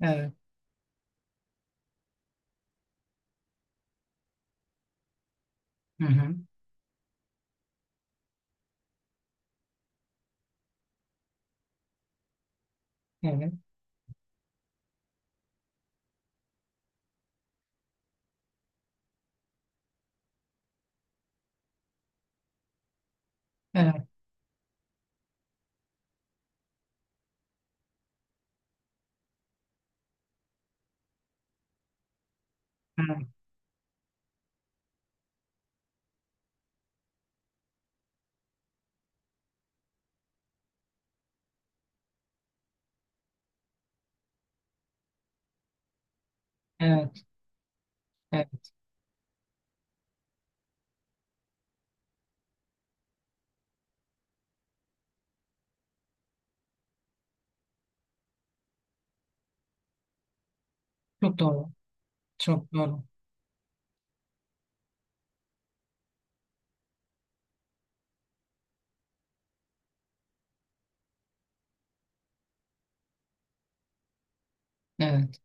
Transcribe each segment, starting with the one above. Evet. Hı hı. Evet. Evet. Evet. Evet. Evet. Çok doğru. Çok doğru. Evet.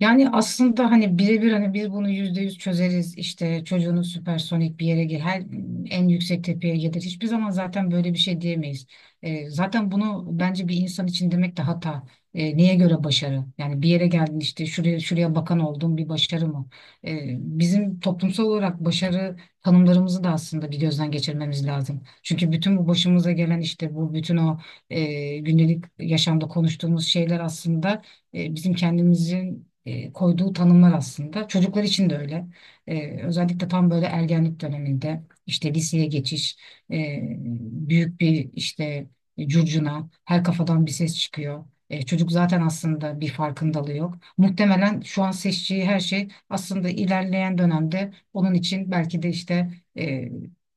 Yani aslında hani birebir hani biz bunu yüzde yüz çözeriz işte çocuğunuz süpersonik bir yere gir her en yüksek tepeye gelir hiçbir zaman zaten böyle bir şey diyemeyiz. Zaten bunu bence bir insan için demek de hata. Neye göre başarı? Yani bir yere geldin işte şuraya şuraya bakan oldun bir başarı mı? Bizim toplumsal olarak başarı tanımlarımızı da aslında bir gözden geçirmemiz lazım. Çünkü bütün bu başımıza gelen işte bu bütün o gündelik yaşamda konuştuğumuz şeyler aslında bizim kendimizin koyduğu tanımlar aslında. Çocuklar için de öyle. Özellikle tam böyle ergenlik döneminde işte liseye geçiş, e, büyük bir işte curcuna, her kafadan bir ses çıkıyor. Çocuk zaten aslında bir farkındalığı yok. Muhtemelen şu an seçtiği her şey aslında ilerleyen dönemde onun için belki de işte e,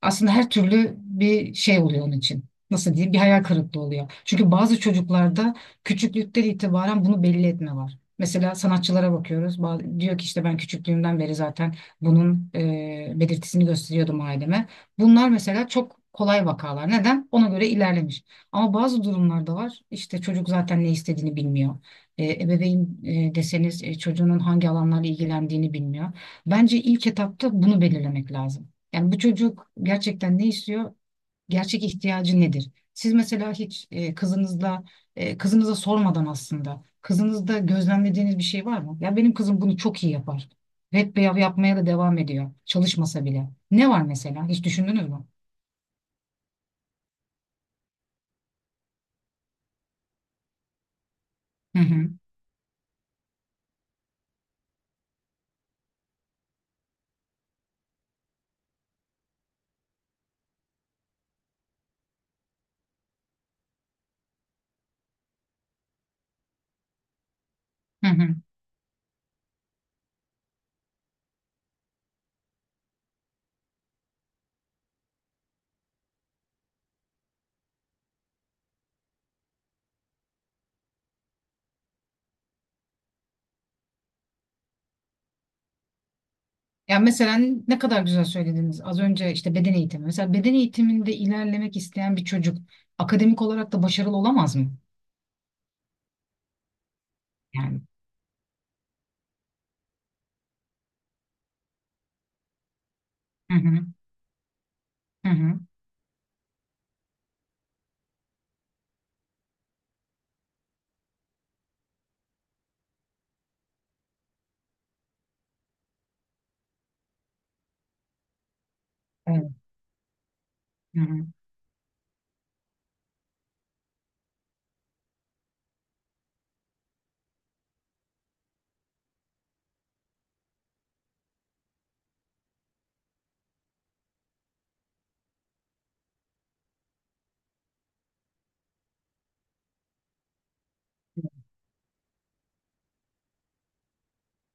aslında her türlü bir şey oluyor onun için. Nasıl diyeyim? Bir hayal kırıklığı oluyor. Çünkü bazı çocuklarda küçüklükten itibaren bunu belli etme var. Mesela sanatçılara bakıyoruz. Diyor ki işte ben küçüklüğümden beri zaten bunun belirtisini gösteriyordum aileme. Bunlar mesela çok kolay vakalar. Neden? Ona göre ilerlemiş. Ama bazı durumlarda var. İşte çocuk zaten ne istediğini bilmiyor. Ebeveyn deseniz çocuğunun hangi alanlarla ilgilendiğini bilmiyor. Bence ilk etapta bunu belirlemek lazım. Yani bu çocuk gerçekten ne istiyor? Gerçek ihtiyacı nedir? Siz mesela hiç kızınıza sormadan aslında kızınızda gözlemlediğiniz bir şey var mı? Ya benim kızım bunu çok iyi yapar. Hep beyav yapmaya da devam ediyor. Çalışmasa bile. Ne var mesela? Hiç düşündünüz mü? Hı hı. Hı hı. Ya mesela ne kadar güzel söylediniz. Az önce işte beden eğitimi. Mesela beden eğitiminde ilerlemek isteyen bir çocuk akademik olarak da başarılı olamaz mı? Yani. Hı hı. Hı hı. Evet. Hı hı.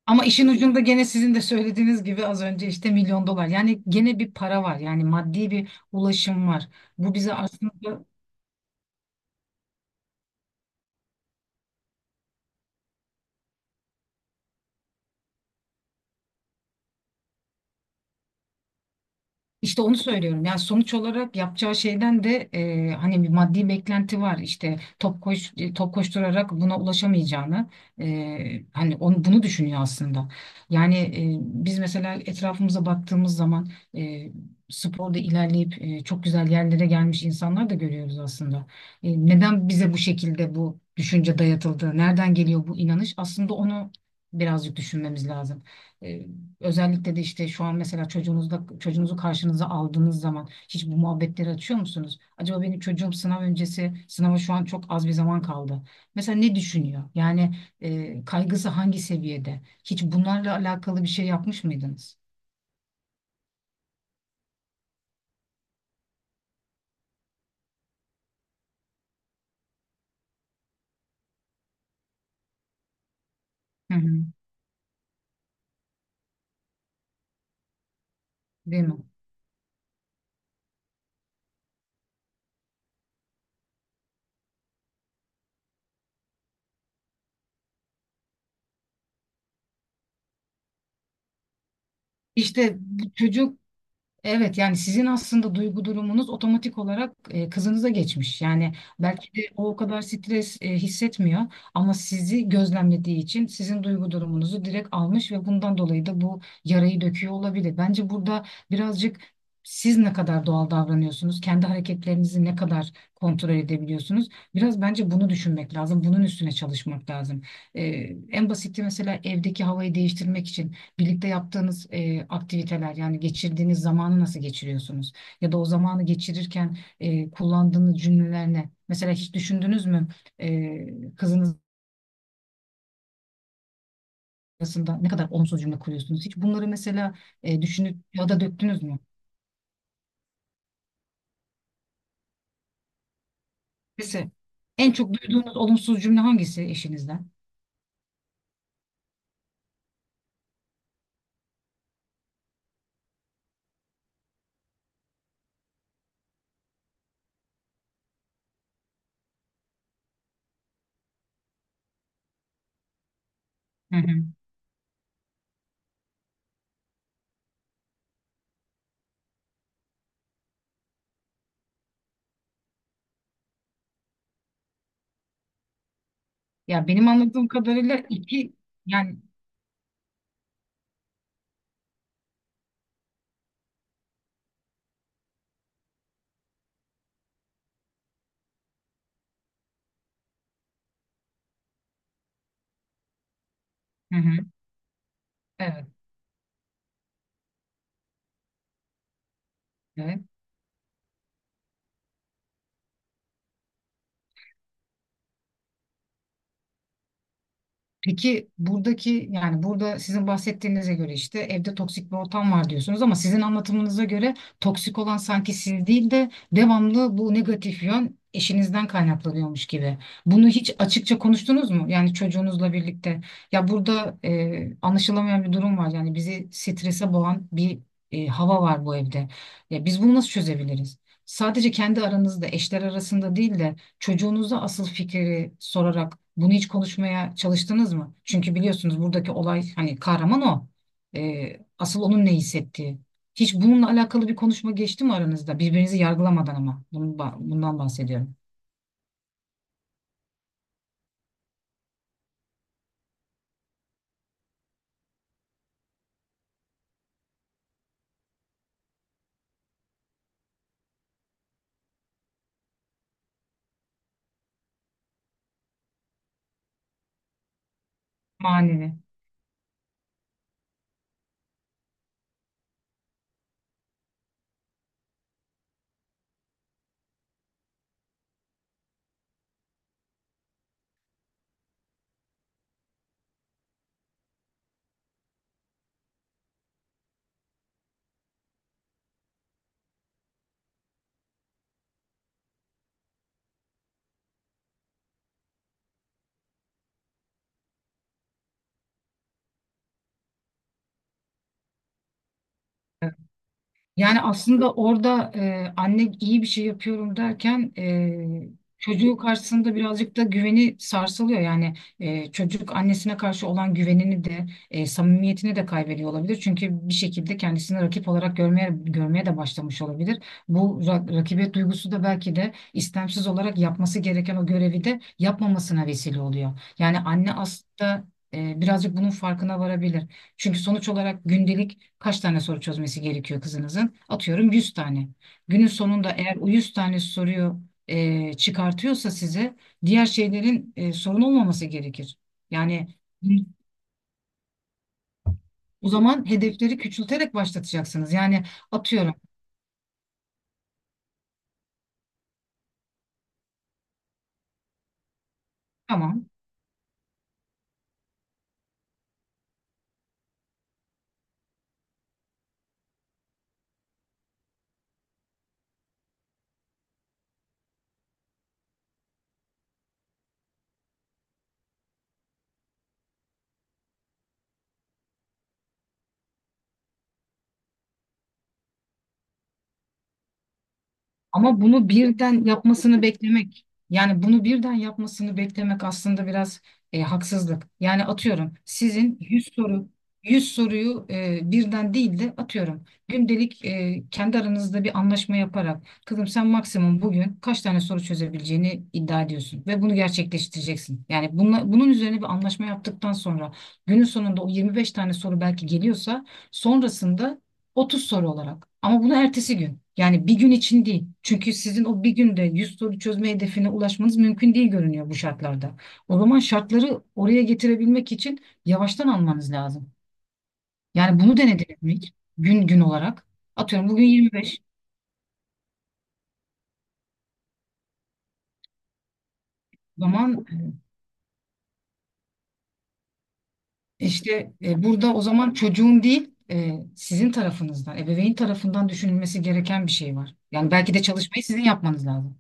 Ama işin ucunda gene sizin de söylediğiniz gibi az önce işte milyon dolar. Yani gene bir para var. Yani maddi bir ulaşım var. Bu bize aslında. İşte onu söylüyorum. Yani sonuç olarak yapacağı şeyden de hani bir maddi beklenti var. İşte top koşturarak buna ulaşamayacağını hani onu bunu düşünüyor aslında. Yani biz mesela etrafımıza baktığımız zaman e, sporda ilerleyip çok güzel yerlere gelmiş insanlar da görüyoruz aslında. Neden bize bu şekilde bu düşünce dayatıldı? Nereden geliyor bu inanış? Aslında onu birazcık düşünmemiz lazım. E, Özellikle de işte şu an mesela çocuğunuzu karşınıza aldığınız zaman hiç bu muhabbetleri açıyor musunuz? Acaba benim çocuğum sınava şu an çok az bir zaman kaldı. Mesela ne düşünüyor? Yani kaygısı hangi seviyede? Hiç bunlarla alakalı bir şey yapmış mıydınız? Hı hı, değil mi? İşte bu çocuğu. Evet, yani sizin aslında duygu durumunuz otomatik olarak kızınıza geçmiş. Yani belki de o o kadar stres hissetmiyor ama sizi gözlemlediği için sizin duygu durumunuzu direkt almış ve bundan dolayı da bu yarayı döküyor olabilir. Bence burada birazcık siz ne kadar doğal davranıyorsunuz, kendi hareketlerinizi ne kadar kontrol edebiliyorsunuz. Biraz bence bunu düşünmek lazım, bunun üstüne çalışmak lazım. E, En basiti mesela evdeki havayı değiştirmek için. Birlikte yaptığınız aktiviteler yani geçirdiğiniz zamanı nasıl geçiriyorsunuz? Ya da o zamanı geçirirken kullandığınız cümleler ne? Mesela hiç düşündünüz mü kızınız arasında ne kadar olumsuz cümle kuruyorsunuz? Hiç bunları mesela düşünüp ya da döktünüz mü? Mesela en çok duyduğunuz olumsuz cümle hangisi eşinizden? Hı hı. Ya benim anladığım kadarıyla iki yani. Hı hı. Evet. Evet. Peki buradaki yani burada sizin bahsettiğinize göre işte evde toksik bir ortam var diyorsunuz ama sizin anlatımınıza göre toksik olan sanki siz değil de devamlı bu negatif yön eşinizden kaynaklanıyormuş gibi. Bunu hiç açıkça konuştunuz mu? Yani çocuğunuzla birlikte. Ya burada anlaşılamayan bir durum var. Yani bizi strese boğan bir hava var bu evde. Ya biz bunu nasıl çözebiliriz? Sadece kendi aranızda, eşler arasında değil de çocuğunuza asıl fikri sorarak bunu hiç konuşmaya çalıştınız mı? Çünkü biliyorsunuz buradaki olay hani kahraman o. Asıl onun ne hissettiği. Hiç bununla alakalı bir konuşma geçti mi aranızda? Birbirinizi yargılamadan ama. Bundan bahsediyorum. Manevi. Yani aslında orada anne iyi bir şey yapıyorum derken çocuğu karşısında birazcık da güveni sarsılıyor. Yani çocuk annesine karşı olan güvenini de samimiyetini de kaybediyor olabilir. Çünkü bir şekilde kendisini rakip olarak görmeye görmeye de başlamış olabilir. Bu rakibet duygusu da belki de istemsiz olarak yapması gereken o görevi de yapmamasına vesile oluyor. Yani anne aslında birazcık bunun farkına varabilir. Çünkü sonuç olarak gündelik. Kaç tane soru çözmesi gerekiyor kızınızın? Atıyorum 100 tane. Günün sonunda eğer o 100 tane soruyu çıkartıyorsa size diğer şeylerin sorun olmaması gerekir. Yani o zaman hedefleri küçülterek başlatacaksınız. Yani atıyorum tamam. Ama bunu birden yapmasını beklemek, yani bunu birden yapmasını beklemek aslında biraz haksızlık. Yani atıyorum sizin 100 soruyu birden değil de atıyorum gündelik kendi aranızda bir anlaşma yaparak kızım sen maksimum bugün kaç tane soru çözebileceğini iddia ediyorsun ve bunu gerçekleştireceksin. Yani bunun üzerine bir anlaşma yaptıktan sonra günün sonunda o 25 tane soru belki geliyorsa sonrasında 30 soru olarak. Ama bunu ertesi gün. Yani bir gün için değil. Çünkü sizin o bir günde 100 soru çözme hedefine ulaşmanız mümkün değil görünüyor bu şartlarda. O zaman şartları oraya getirebilmek için yavaştan almanız lazım. Yani bunu denediniz mi hiç? Gün gün olarak. Atıyorum bugün 25. O zaman burada o zaman çocuğun değil sizin tarafınızdan, ebeveyn tarafından düşünülmesi gereken bir şey var. Yani belki de çalışmayı sizin yapmanız lazım.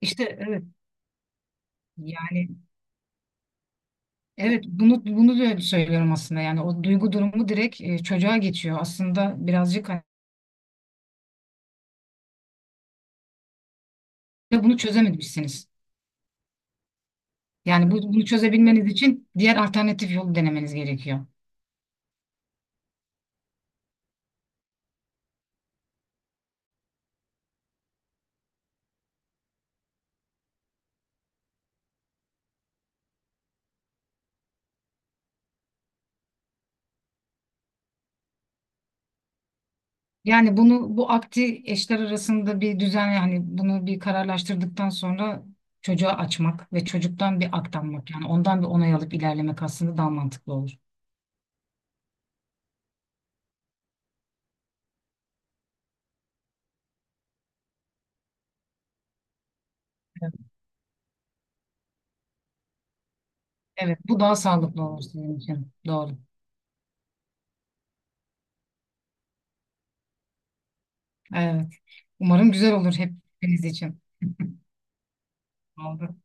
İşte evet. Yani evet, bunu da söylüyorum aslında. Yani o duygu durumu direkt çocuğa geçiyor. Aslında birazcık hani. Ve bunu çözememişsiniz. Yani bunu çözebilmeniz için diğer alternatif yolu denemeniz gerekiyor. Yani bunu bu akti eşler arasında bir düzen yani bunu bir kararlaştırdıktan sonra çocuğa açmak ve çocuktan bir aktanmak yani ondan bir onay alıp ilerlemek aslında daha mantıklı olur. Evet, evet, bu daha sağlıklı olur sizin için. Doğru. Evet. Umarım güzel olur hepiniz için. Oldu.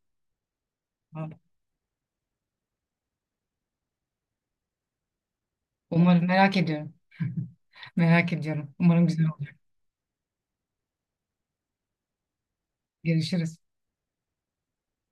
Umarım merak ediyorum. Merak ediyorum. Umarım güzel olur. Görüşürüz.